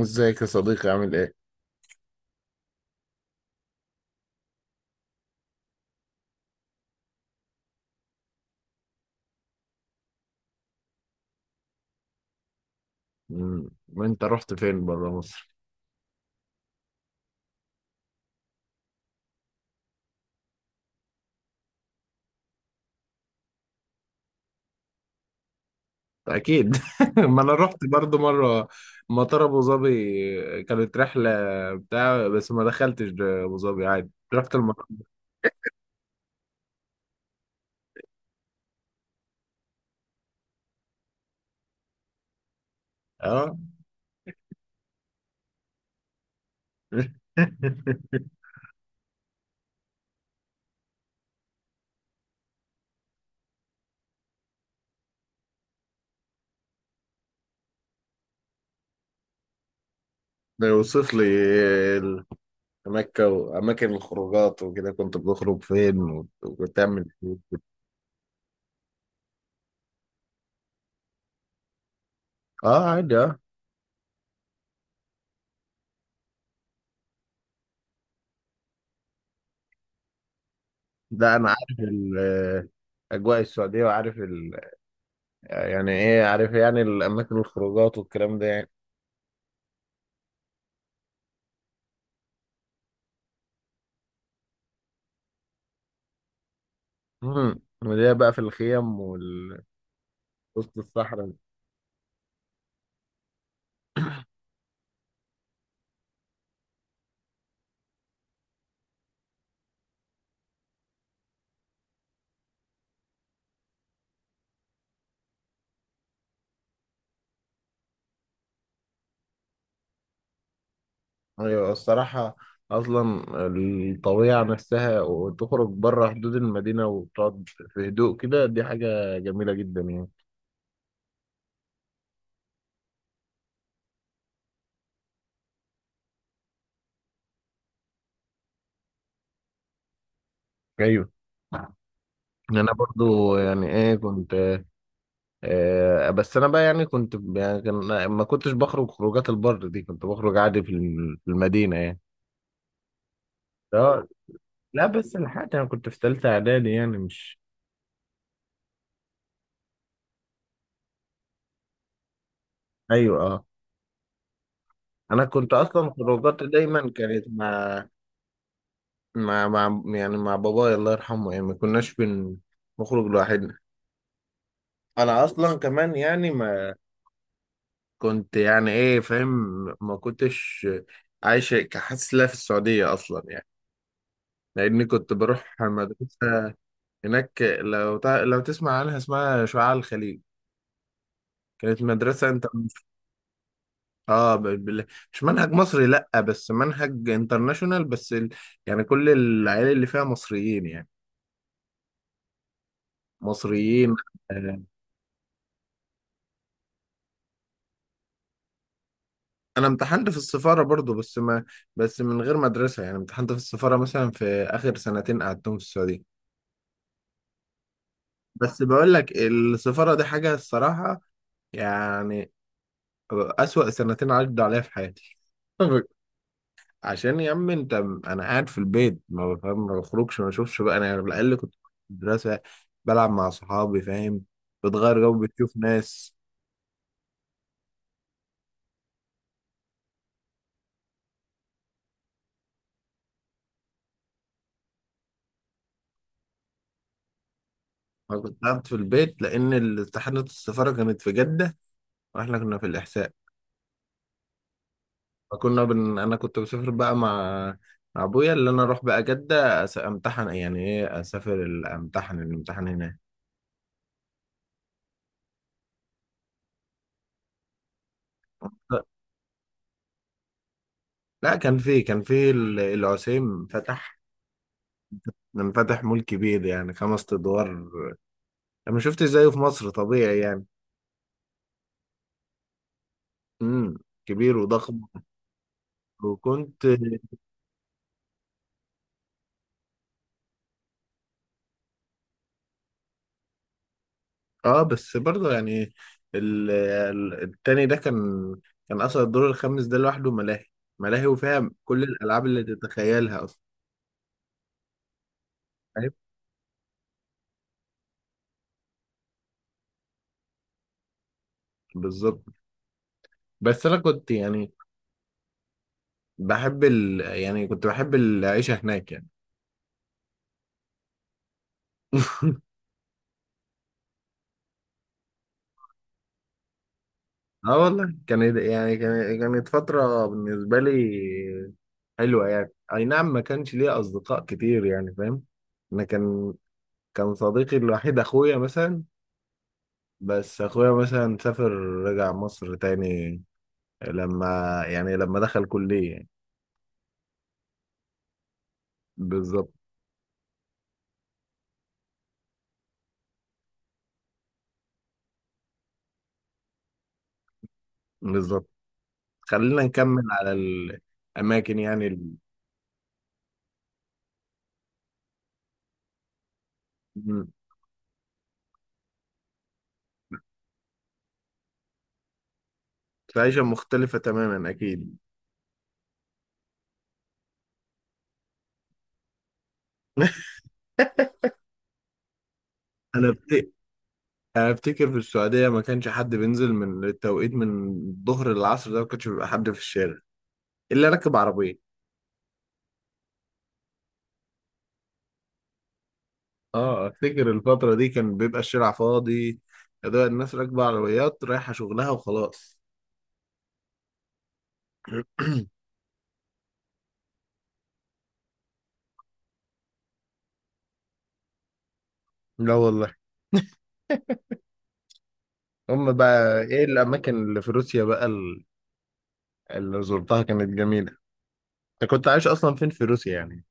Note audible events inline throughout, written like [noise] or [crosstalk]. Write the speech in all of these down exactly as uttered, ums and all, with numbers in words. ازيك يا صديقي عامل ايه؟ مم. وانت رحت فين بره مصر؟ اكيد. [laughs] ما انا رحت برضو مره، مطار ابو ظبي. كانت رحله بتاع، بس ما دخلتش ابو ظبي عادي، رحت المطار. اه. [laughs] ده يوصف لي ال- مكة وأماكن الخروجات وكده، كنت بتخرج فين وت- وتعمل ايه؟ اه عادي اه. ده أنا عارف ال- أجواء السعودية، وعارف ال... يعني إيه، عارف يعني الأماكن، الخروجات والكلام ده يعني. مم. وليه بقى في الخيم ووسط الصحراء؟ ايوه الصراحة، اصلا الطبيعة نفسها، وتخرج بره حدود المدينة وتقعد في هدوء كده، دي حاجة جميلة جدا يعني. ايوه. انا برضو يعني ايه، كنت آه بس انا بقى، يعني كنت يعني كان- ما كنتش بخرج خروجات البر دي، كنت بخرج عادي في الم- في المدينة يعني. اه. لا بس لحقت، انا كنت في تالتة اعدادي يعني، مش ايوه اه. انا كنت اصلا خروجاتي دايما كانت مع، مع مع يعني مع بابايا الله يرحمه، يعني ما كناش بن- بنخرج لوحدنا. انا اصلا كمان يعني ما كنت يعني ايه، فاهم؟ ما كنتش عايش كحاسس لا في السعودية اصلا يعني، لاني كنت بروح مدرسة هناك. لو تع... لو تسمع عنها، اسمها شعاع الخليج. كانت مدرسة انت اه ب... ب... مش منهج مصري لا، بس منهج انترناشونال، بس ال... يعني كل العيال اللي فيها مصريين يعني، مصريين. آه، انا امتحنت في السفاره برضو، بس ما، بس من غير مدرسه يعني، امتحنت في السفاره مثلا في اخر سنتين قعدتهم في السعوديه. بس بقول لك السفاره دي حاجه، الصراحه يعني، اسوأ سنتين عدوا عليا في حياتي. [laughs] عشان يا عم انت، انا قاعد في البيت، ما بفهم، ما بخرجش، ما بشوفش بقى. انا على الاقل كنت في المدرسه، بلعب مع صحابي، فاهم، بتغير جو، بتشوف ناس. ما كنت قاعد في البيت، لان امتحانات السفاره كانت في جده، واحنا كنا في الاحساء. فكنا بن... انا كنت بسافر بقى مع، مع ابويا، اللي انا اروح بقى جدة أس... امتحن، يعني ايه، اسافر ال- امتحن الامتحان هناك. لا كان في كان في ال- العسيم فتح، فتح مول كبير يعني خمس ادوار. انا ما شفتش زيه في مصر طبيعي يعني. امم كبير وضخم. وكنت اه بس برضه يعني، ال... ال- التاني ده كان كان اصلا الدور الخامس ده لوحده ملاهي، ملاهي وفيها كل الالعاب اللي تتخيلها اصلا، فاهم. بالظبط. بس انا كنت يعني بحب ال... يعني كنت بحب العيشه هناك يعني. [laughs] اه والله كانت يعني كان- كانت فتره بالنسبه لي حلوه يعني. اي نعم ما كانش ليا اصدقاء كتير يعني، فاهم. انا كان كان صديقي الوحيد اخويا مثلا، بس اخويا مثلا سافر، رجع مصر تاني لما، يعني لما دخل كليه يعني. بالظبط. بالظبط. خلينا نكمل على الاماكن يعني ال... م. في عيشه مختلفه تماما اكيد. [laughs] انا بت... انا افتكر في السعوديه ما كانش حد بينزل، من التوقيت من الظهر للعصر ده ما كانش بيبقى حد في الشارع الا راكب عربيه. اه افتكر الفتره دي كان بيبقى الشارع فاضي، يا دوب الناس راكبه عربيات رايحه شغلها وخلاص. لا والله. هم بقى ايه الاماكن اللي في روسيا بقى ال- اللي زرتها كانت جميله؟ انت كنت عايش اصلا فين في روسيا يعني،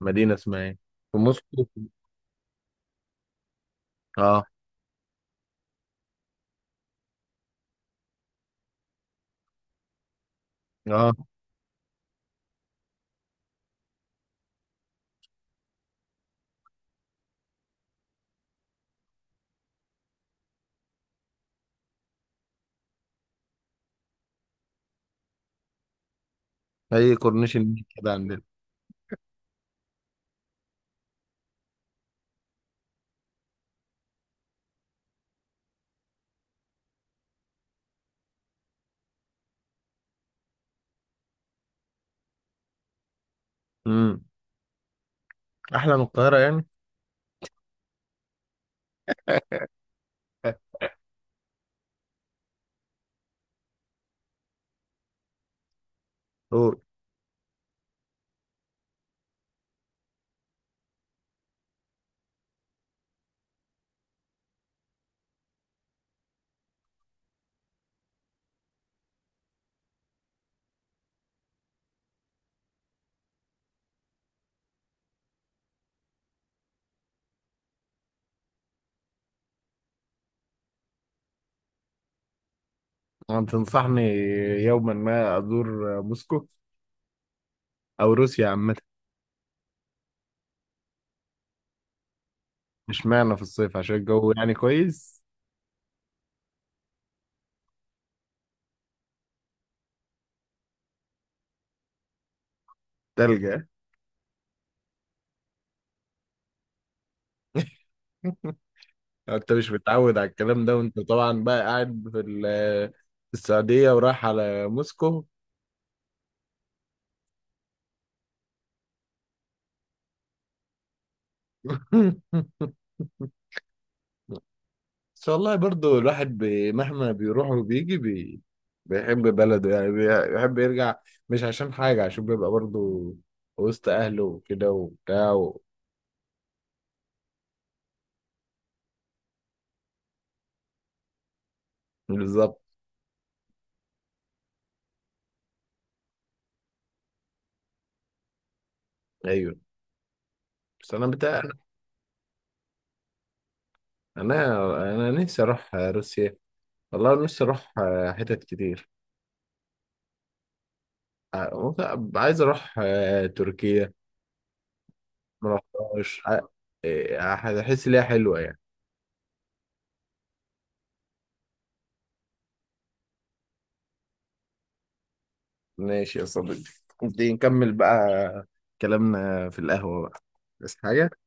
مدينه اسمها ايه، في موسكو؟ اه. اه هي كورنيش النيل كده عندنا. امم، احلى من القاهره يعني. [laughs] قول. أنت تنصحني يوما ما أزور موسكو أو روسيا عامة؟ مش معنى في الصيف عشان الجو يعني كويس؟ تلجة. [laughs] أنت مش متعود على الكلام ده، وأنت طبعا بقى قاعد في ال- في السعودية ورايح على موسكو. [laughs] بس والله برضو الواحد بي- مهما بيروح وبيجي بي... بيحب بلده يعني، بي- بيحب يرجع، مش عشان حاجة، عشان بيبقى برضو وسط أهله وكده وبتاع و-. بالظبط. أيوه بس أنا بتاع، انا انا نفسي اروح روسيا، والله نفسي اروح آه، حتت كتير. آه، ممكن عايز اروح آه، تركيا، ما رحتهاش. هحس ليها حلوه يعني. ماشي يا صديقي، دي نكمل بقى كلامنا في القهوة بقى، بس حاجة.